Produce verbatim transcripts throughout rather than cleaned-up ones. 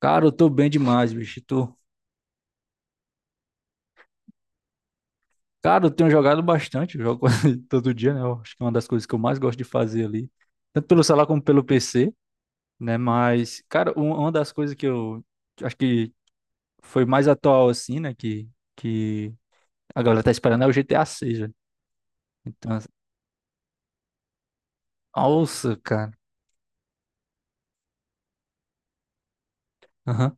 Cara, eu tô bem demais, bicho. Tô... Cara, eu tenho jogado bastante, eu jogo quase todo dia, né? Eu acho que é uma das coisas que eu mais gosto de fazer ali, tanto pelo celular como pelo P C, né? Mas, cara, um- uma das coisas que eu acho que foi mais atual, assim, né? Que, que a galera tá esperando é o G T A seis, velho. Então, assim, nossa, cara. Aham.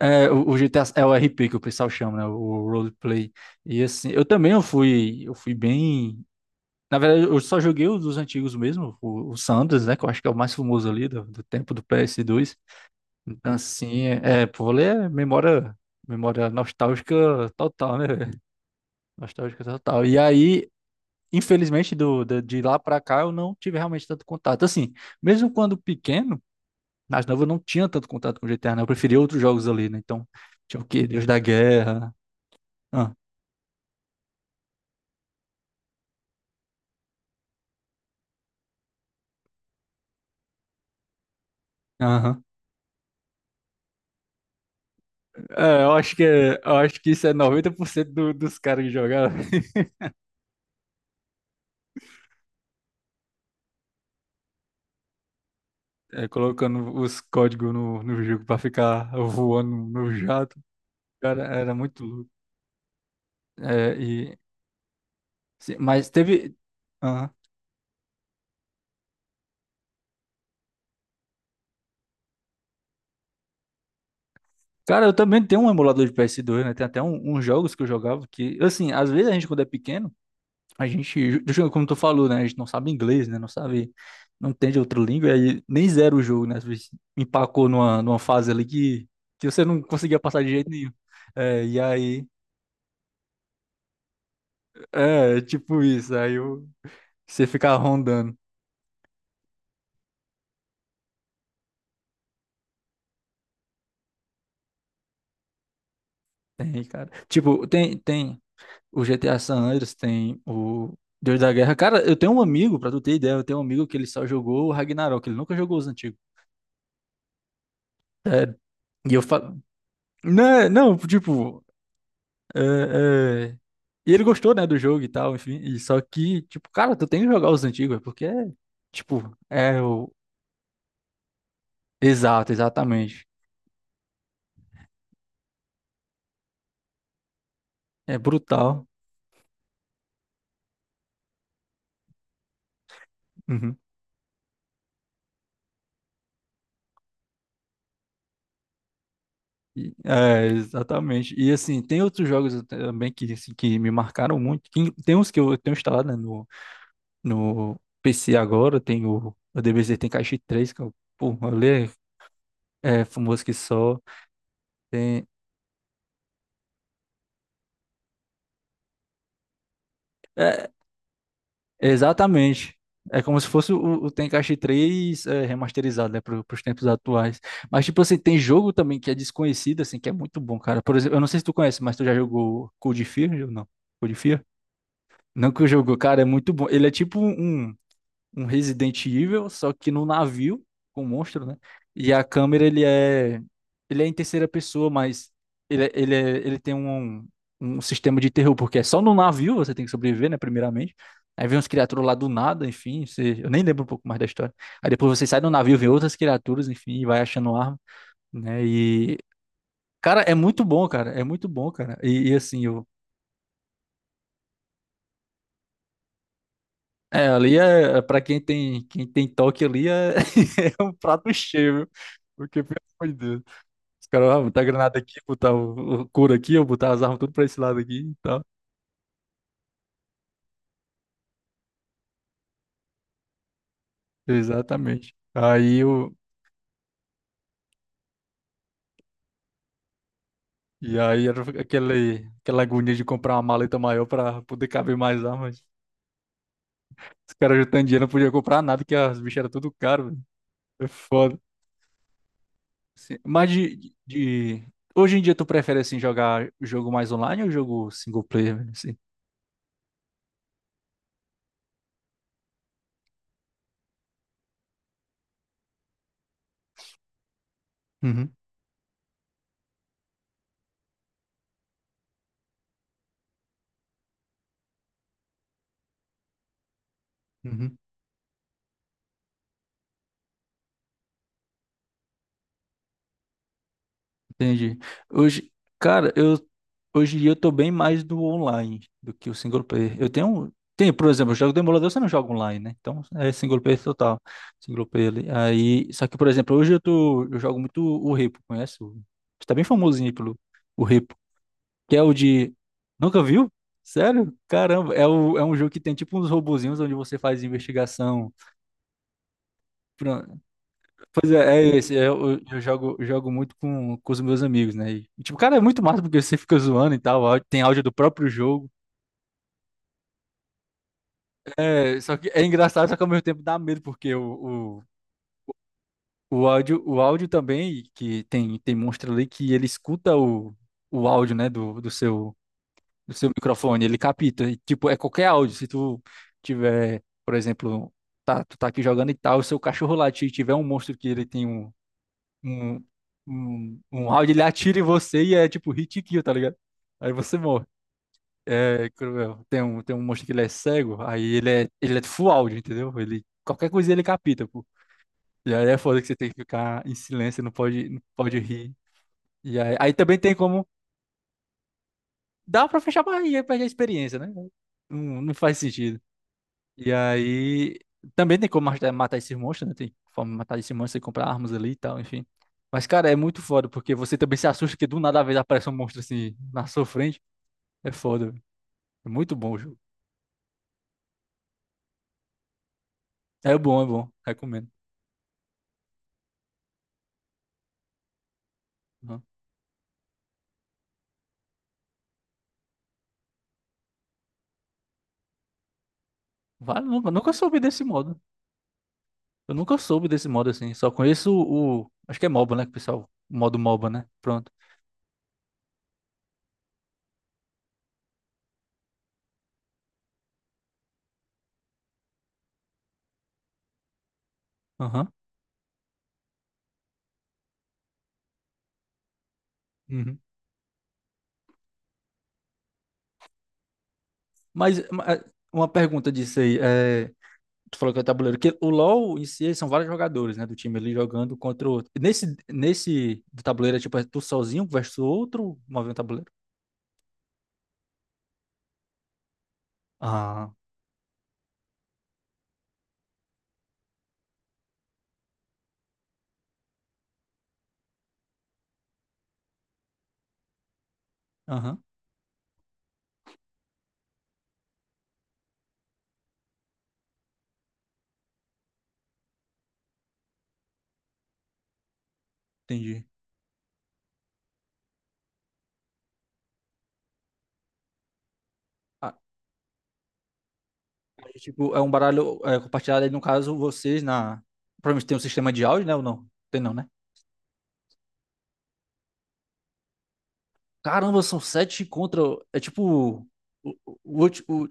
É, o, o G T A é o R P que o pessoal chama, né? O roleplay. E assim, eu também eu fui, eu fui bem. Na verdade, eu só joguei os dos antigos mesmo, o, o Sanders, né? Que eu acho que é o mais famoso ali do, do tempo do ps dois. Então, assim, é, pô, vôlei é memória, memória nostálgica total, né, velho? Nostálgica total. E aí, infelizmente, do, da- de, lá pra cá, eu não tive realmente tanto contato. Assim, mesmo quando pequeno, nas novo, eu não tinha tanto contato com G T A, né? Eu preferia outros jogos ali, né? Então, tinha o quê? Deus da Guerra. Ah, aham. É, eu acho que, é- eu acho que isso é noventa por cento do, dos caras que jogaram. É, colocando os códigos no, no jogo pra ficar voando no jato. Cara, era muito louco. É, e, se- mas teve. Aham. Cara, eu também tenho um emulador de P S dois, né? Tem até um- uns jogos que eu jogava que, assim, às vezes a gente, quando é pequeno, a gente, ju- ju- como tu falou, né? A gente não sabe inglês, né? Não sabe, não entende outra língua, e aí nem zera o jogo, né? Às vezes empacou numa, numa fase ali que, que você não conseguia passar de jeito nenhum. É, e aí, é, tipo isso, aí eu, você fica rondando. Tem, cara. Tipo, tem, tem o G T A San Andreas, tem o Deus da Guerra. Cara, eu tenho um amigo, pra tu ter ideia, eu tenho um amigo que ele só jogou o Ragnarok, ele nunca jogou os antigos. Sério. E eu falo. Não, não, tipo. é, é, E ele gostou, né, do jogo e tal, enfim. E só que, tipo, cara, tu tem que jogar os antigos, é porque é. Tipo, é o. Exato, exatamente. É brutal. Uhum. E- É, exatamente. E assim, tem outros jogos também que, assim, que me marcaram muito. Que- Tem uns que eu tenho instalado, né, no, no P C agora, tem o, o D B Z, tem Caixa Três que eu, pô, ali é, é famoso que só. Tem, é, exatamente. É como se fosse o, o Tenkaichi Três, é, remasterizado, né, para os tempos atuais. Mas, tipo assim, tem jogo também que é desconhecido, assim, que é muito bom, cara. Por exemplo, eu não sei se tu conhece, mas tu já jogou Code Fear ou não? Code Fear? Não que eu jogo, cara, é muito bom. Ele é tipo um, um um Resident Evil, só que no navio, com um monstro, né? E a câmera, ele é, ele é em terceira pessoa, mas ele, é- ele, é- ele tem um, um sistema de terror, porque é só no navio. Você tem que sobreviver, né? Primeiramente. Aí vem uns criaturas lá do nada, enfim, você- eu nem lembro um pouco mais da história. Aí depois você sai do navio, vê outras criaturas, enfim, e vai achando arma, né? E, cara, é muito bom, cara, é muito bom, cara. E, e assim, eu É, ali é, para quem tem, quem tem toque ali é, é um prato cheio, viu? Porque, pelo amor de Deus, os caras, ah, botar granada aqui, botar o, o couro aqui, eu botar as armas tudo pra esse lado aqui e tal. Exatamente. Aí o e aí era aquele, aquela agonia de comprar uma maleta maior pra poder caber mais armas. Os caras juntando dinheiro não podia comprar nada, que as bichas eram tudo caro, velho. É foda. Assim, mas de, de... hoje em dia tu prefere, assim, jogar jogo mais online ou jogo single player, velho, assim? Uhum. Uhum. Entendi. Hoje, cara, eu hoje em dia eu tô bem mais do online do que o single player. Eu tenho, um, tem, por exemplo, eu jogo Demolidor, você não joga online, né? Então é single player total, single player ali. Aí, só que por exemplo, hoje eu tô, eu jogo muito o Repo, conhece? O- Está bem famosinho aí pelo o Repo, que é o de. Nunca viu? Sério? Caramba, é, o, é um jogo que tem tipo uns robozinhos onde você faz investigação. Pois é, é esse. é, Eu, eu- jogo, jogo muito com, com os meus amigos, né? E, tipo, cara, é muito massa porque você fica zoando e tal. áudio- Tem áudio do próprio jogo. É, só que é engraçado, só que ao mesmo tempo dá medo, porque o, o, o áudio, o áudio, também, que tem, tem monstro ali que ele escuta o, o áudio, né, do, do seu, do seu microfone, ele capta. E, tipo, é qualquer áudio. Se tu tiver, por exemplo, tá, tu tá aqui jogando e tal, o seu cachorro latir e tiver um monstro que ele tem um um, um, um round, ele atira em você e é tipo hit kill, tá ligado? Aí você morre. É cruel. Tem um, tem um monstro que ele é cego, aí ele é, ele é full áudio, entendeu? Ele, qualquer coisinha ele capita, pô. E aí é foda que você tem que ficar em silêncio, não pode, não pode rir. E aí, aí também tem como. Dá pra fechar a barriga e perder a experiência, né? Não, não faz sentido. E aí, também tem como matar, matar esses monstros, né? Tem forma de matar esses monstros, e comprar armas ali e tal, enfim. Mas, cara, é muito foda, porque você também se assusta que do nada às vezes aparece um monstro assim na sua frente. É foda, velho. É muito bom o jogo. É bom, é bom. Recomendo. Uhum. Vale, nunca, nunca soube desse modo. Eu nunca soube desse modo assim. Só conheço o, o- acho que é MOBA, né? Que o pessoal. O modo MOBA, né? Pronto. Aham. Uhum. Mas, ma- uma pergunta disso aí. é, Tu falou que é o tabuleiro. Que o LoL em si são vários jogadores, né? Do time ali jogando contra o outro. Nesse, nesse do tabuleiro é tipo, é tu sozinho versus outro movendo o tabuleiro? Ah, aham, entendi. Ah, é tipo, é um baralho é compartilhado aí, no caso, vocês na. Provavelmente tem um sistema de áudio, né? Ou não? Tem não, né? Caramba, são sete contra. É tipo. O, o, o, ulti- o-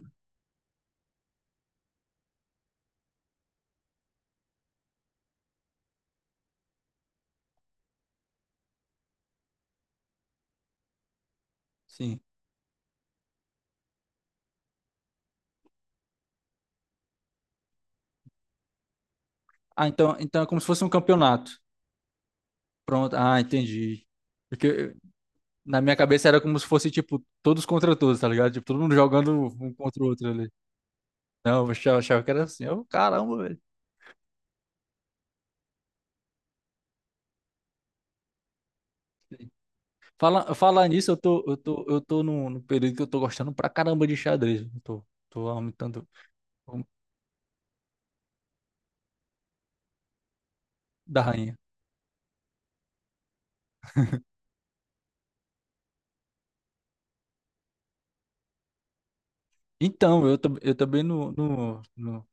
sim. Ah, então, então é como se fosse um campeonato. Pronto. Ah, entendi. Porque na minha cabeça era como se fosse, tipo, todos contra todos, tá ligado? Tipo, todo mundo jogando um contra o outro ali. Não, eu achava, achava que era assim. Eu, caramba, velho. Fala, falar nisso, eu tô, eu tô, eu tô num, num período que eu tô gostando pra caramba de xadrez. Eu tô, tô aumentando o- da rainha. Então, eu, tam- eu também não, não, não,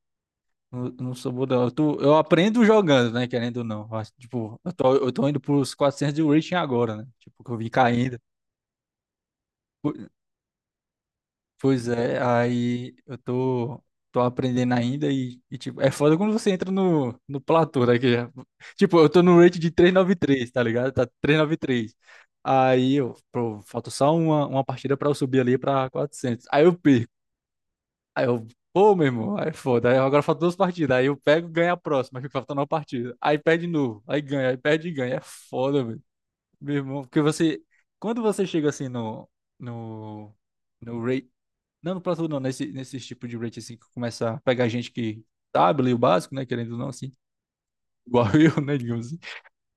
não, não sou bom, não. Eu, tô, eu aprendo jogando, né? Querendo ou não. Eu acho, tipo, eu tô, eu tô indo pros quatrocentos de rating agora, né? Tipo, que eu vim caindo. Pois é, aí eu tô, tô aprendendo ainda e, e, tipo, é foda quando você entra no, no platô daqui. Tipo, eu tô no rate de trezentos e noventa e três, tá ligado? Tá trezentos e noventa e três. Aí eu, pô, falta só uma, uma partida pra eu subir ali pra quatrocentos. Aí eu perco. Aí eu, pô, meu irmão, aí é foda. Aí agora falta duas partidas. Aí eu pego, ganho a próxima, aí fica faltando uma partida. Aí perde de novo, aí ganha, aí perde e ganha. É foda, velho. Meu irmão, porque você, quando você chega assim no, no, no, ra- não, no platô não, nesse, nesse tipo de rate assim que começa a pegar gente que sabe ler o básico, né? Querendo ou não, assim, igual eu, né? Digamos assim.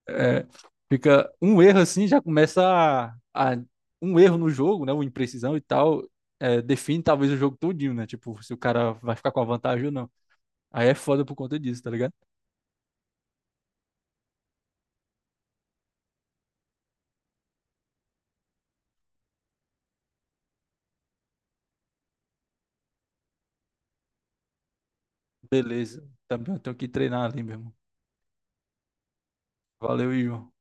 É, fica um erro assim, já começa a, a- um erro no jogo, né? Uma imprecisão e tal, é, define talvez o jogo todinho, né? Tipo, se o cara vai ficar com a vantagem ou não. Aí é foda por conta disso, tá ligado? Beleza. Também eu tenho que treinar ali mesmo. Valeu, Ivan.